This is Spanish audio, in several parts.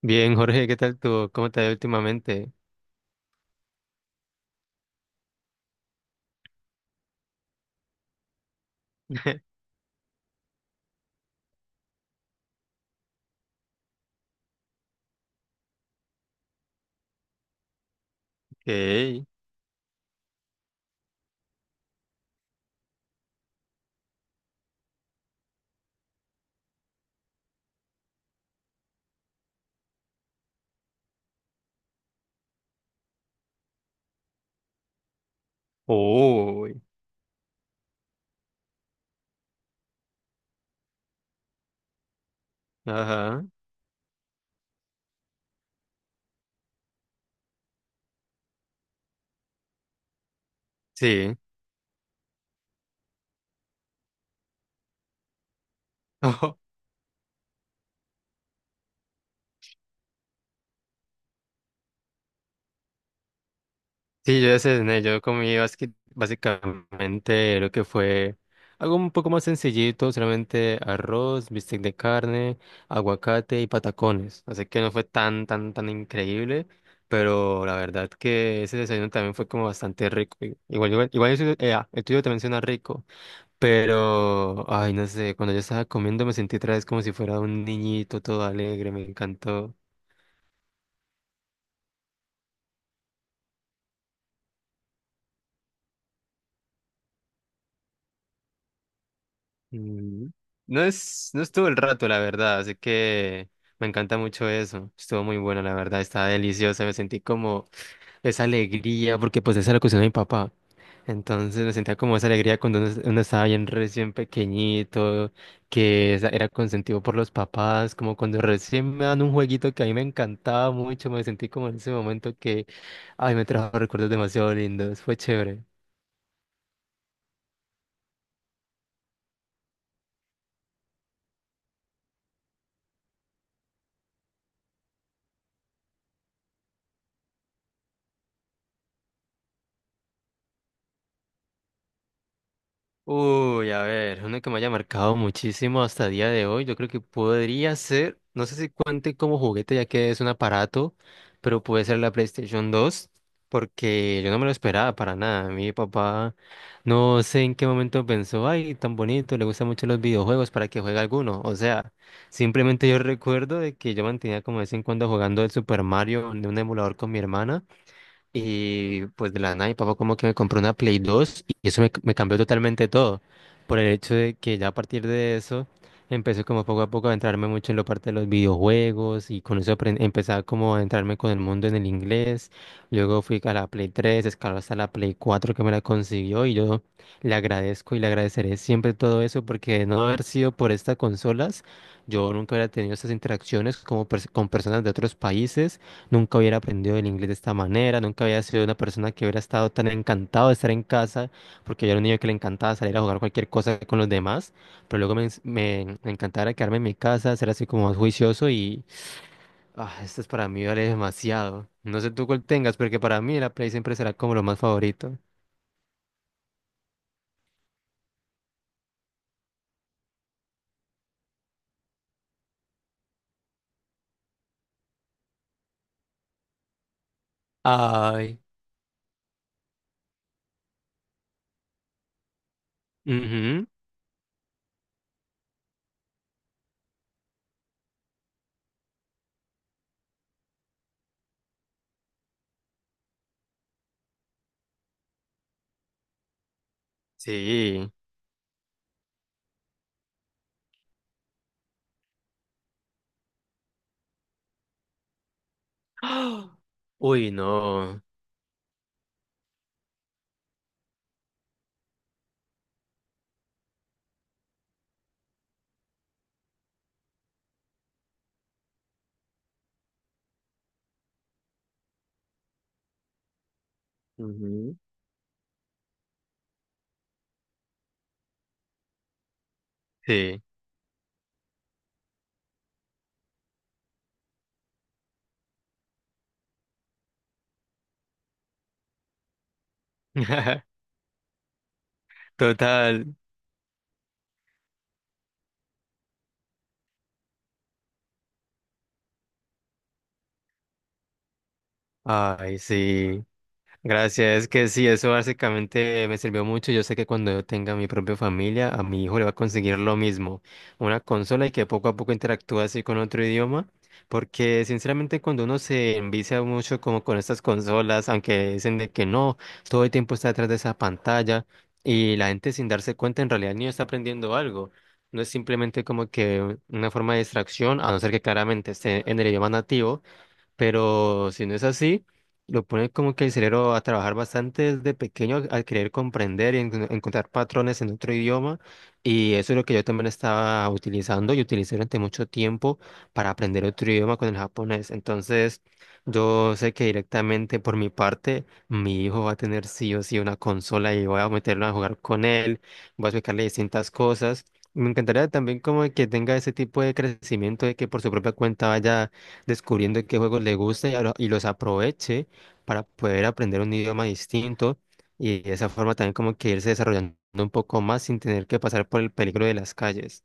Bien, Jorge, ¿qué tal tú? ¿Cómo te ha ido últimamente? Ok. Uy. Ajá. Sí. Ojo. Sí, yo ya cené. Yo comí básicamente lo que fue algo un poco más sencillito, solamente arroz, bistec de carne, aguacate y patacones. Así que no fue tan, tan, tan increíble, pero la verdad que ese desayuno también fue como bastante rico. Igual, igual, igual eso, el tuyo también suena rico. Pero, ay, no sé, cuando yo estaba comiendo me sentí otra vez como si fuera un niñito todo alegre, me encantó. Mm. No es, no estuvo el rato, la verdad, así que me encanta mucho eso. Estuvo muy bueno, la verdad, estaba deliciosa, me sentí como esa alegría, porque pues esa era la cuestión de mi papá. Entonces me sentía como esa alegría cuando uno estaba bien recién pequeñito, que era consentido por los papás, como cuando recién me dan un jueguito que a mí me encantaba mucho, me sentí como en ese momento que, ay, me trajo recuerdos demasiado lindos, fue chévere. Uy, a ver, uno que me haya marcado muchísimo hasta el día de hoy, yo creo que podría ser, no sé si cuente como juguete ya que es un aparato, pero puede ser la PlayStation 2, porque yo no me lo esperaba para nada. Mi papá no sé en qué momento pensó, ay, tan bonito, le gustan mucho los videojuegos para que juegue alguno. O sea, simplemente yo recuerdo de que yo mantenía como de vez en cuando jugando el Super Mario de un emulador con mi hermana. Y pues de la nada, mi papá como que me compró una Play dos y eso me cambió totalmente todo. Por el hecho de que ya a partir de eso empecé como poco a poco a entrarme mucho en la parte de los videojuegos y con eso empezaba como a entrarme con el mundo en el inglés. Luego fui a la Play tres, escaló hasta la Play cuatro que me la consiguió y yo le agradezco y le agradeceré siempre todo eso porque de no haber sido por estas consolas, yo nunca hubiera tenido esas interacciones como con personas de otros países. Nunca hubiera aprendido el inglés de esta manera, nunca había sido una persona que hubiera estado tan encantado de estar en casa, porque yo era un niño que le encantaba salir a jugar cualquier cosa con los demás, pero luego me encantaba quedarme en mi casa, ser así como más juicioso y esto es para mí vale demasiado. No sé tú cuál tengas, porque para mí la Play siempre será como lo más favorito. Ay. Ujú. Sí. ¡Ah! Uy, no. Ujú. Sí. Total. Ay, sí. Gracias, es que sí, eso básicamente me sirvió mucho. Yo sé que cuando yo tenga mi propia familia, a mi hijo le va a conseguir lo mismo, una consola y que poco a poco interactúe así con otro idioma, porque sinceramente cuando uno se envicia mucho como con estas consolas, aunque dicen de que no, todo el tiempo está detrás de esa pantalla y la gente sin darse cuenta en realidad el niño está aprendiendo algo. No es simplemente como que una forma de distracción, a no ser que claramente esté en el idioma nativo, pero si no es así, lo pone como que el cerebro a trabajar bastante desde pequeño al querer comprender y encontrar patrones en otro idioma, y eso es lo que yo también estaba utilizando y utilicé durante mucho tiempo para aprender otro idioma con el japonés. Entonces, yo sé que directamente por mi parte, mi hijo va a tener sí o sí una consola y voy a meterlo a jugar con él, voy a explicarle distintas cosas. Me encantaría también como que tenga ese tipo de crecimiento de que por su propia cuenta vaya descubriendo qué juegos le gusta y, los aproveche para poder aprender un idioma distinto y de esa forma también como que irse desarrollando un poco más sin tener que pasar por el peligro de las calles.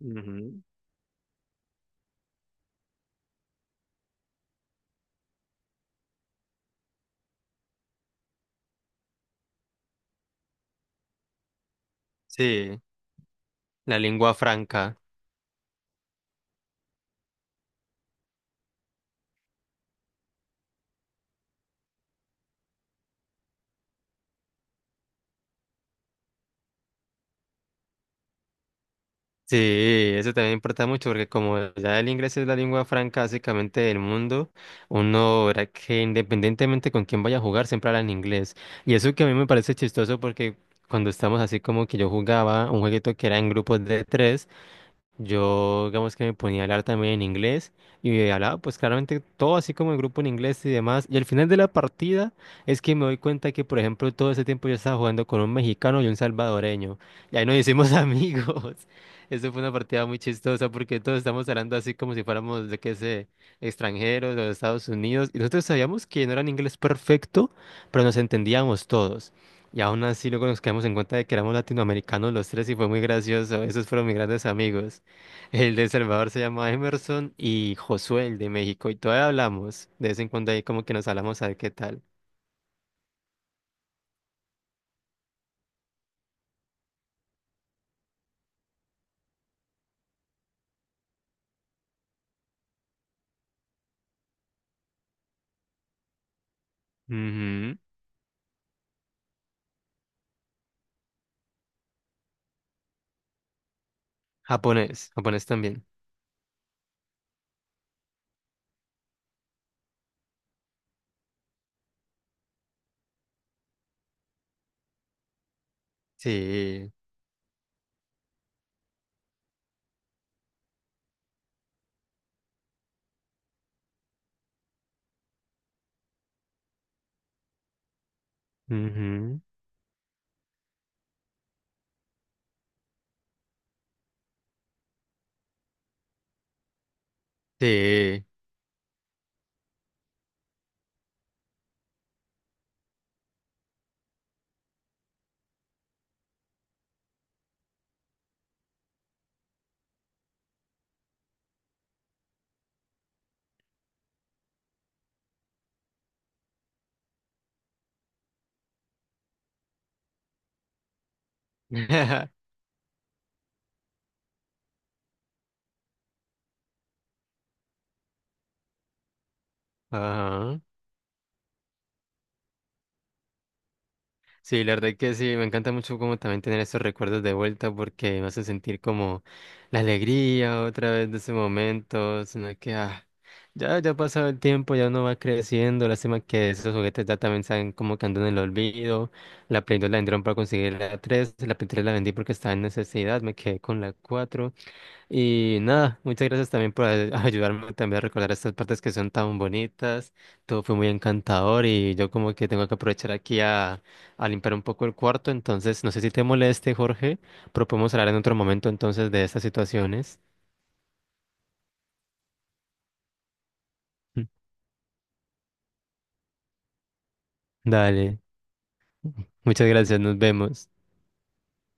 Ujú. Sí, la lengua franca. Sí, eso también importa mucho porque como ya el inglés es la lengua franca básicamente del mundo, uno verá que independientemente con quién vaya a jugar siempre habla en inglés. Y eso que a mí me parece chistoso porque cuando estamos así como que yo jugaba un jueguito que era en grupos de tres, yo, digamos que me ponía a hablar también en inglés y hablaba pues claramente todo así como el grupo en inglés y demás. Y al final de la partida es que me doy cuenta que, por ejemplo, todo ese tiempo yo estaba jugando con un mexicano y un salvadoreño. Y ahí nos hicimos amigos. Eso fue una partida muy chistosa porque todos estamos hablando así como si fuéramos, de qué sé, extranjeros de Estados Unidos. Y nosotros sabíamos que no era en inglés perfecto, pero nos entendíamos todos. Y aún así luego nos quedamos en cuenta de que éramos latinoamericanos los tres y fue muy gracioso. Esos fueron mis grandes amigos. El de El Salvador se llama Emerson y Josué, el de México, y todavía hablamos. De vez en cuando ahí como que nos hablamos a ver qué tal. Ujú. Japonés, japonés también. Sí. Ujú. Sí. Ajá. Sí, la verdad que sí, me encanta mucho como también tener esos recuerdos de vuelta porque me hace sentir como la alegría otra vez de ese momento, sino que ya, ya ha pasado el tiempo, ya uno va creciendo, lástima que esos juguetes ya también saben como que andan en el olvido, la Play 2 la vendieron para conseguir la 3, la Play 3 la vendí porque estaba en necesidad, me quedé con la 4 y nada, muchas gracias también por ayudarme también a recordar estas partes que son tan bonitas. Todo fue muy encantador y yo como que tengo que aprovechar aquí a limpiar un poco el cuarto. Entonces, no sé si te moleste, Jorge, pero podemos hablar en otro momento entonces de estas situaciones. Dale, muchas gracias, nos vemos.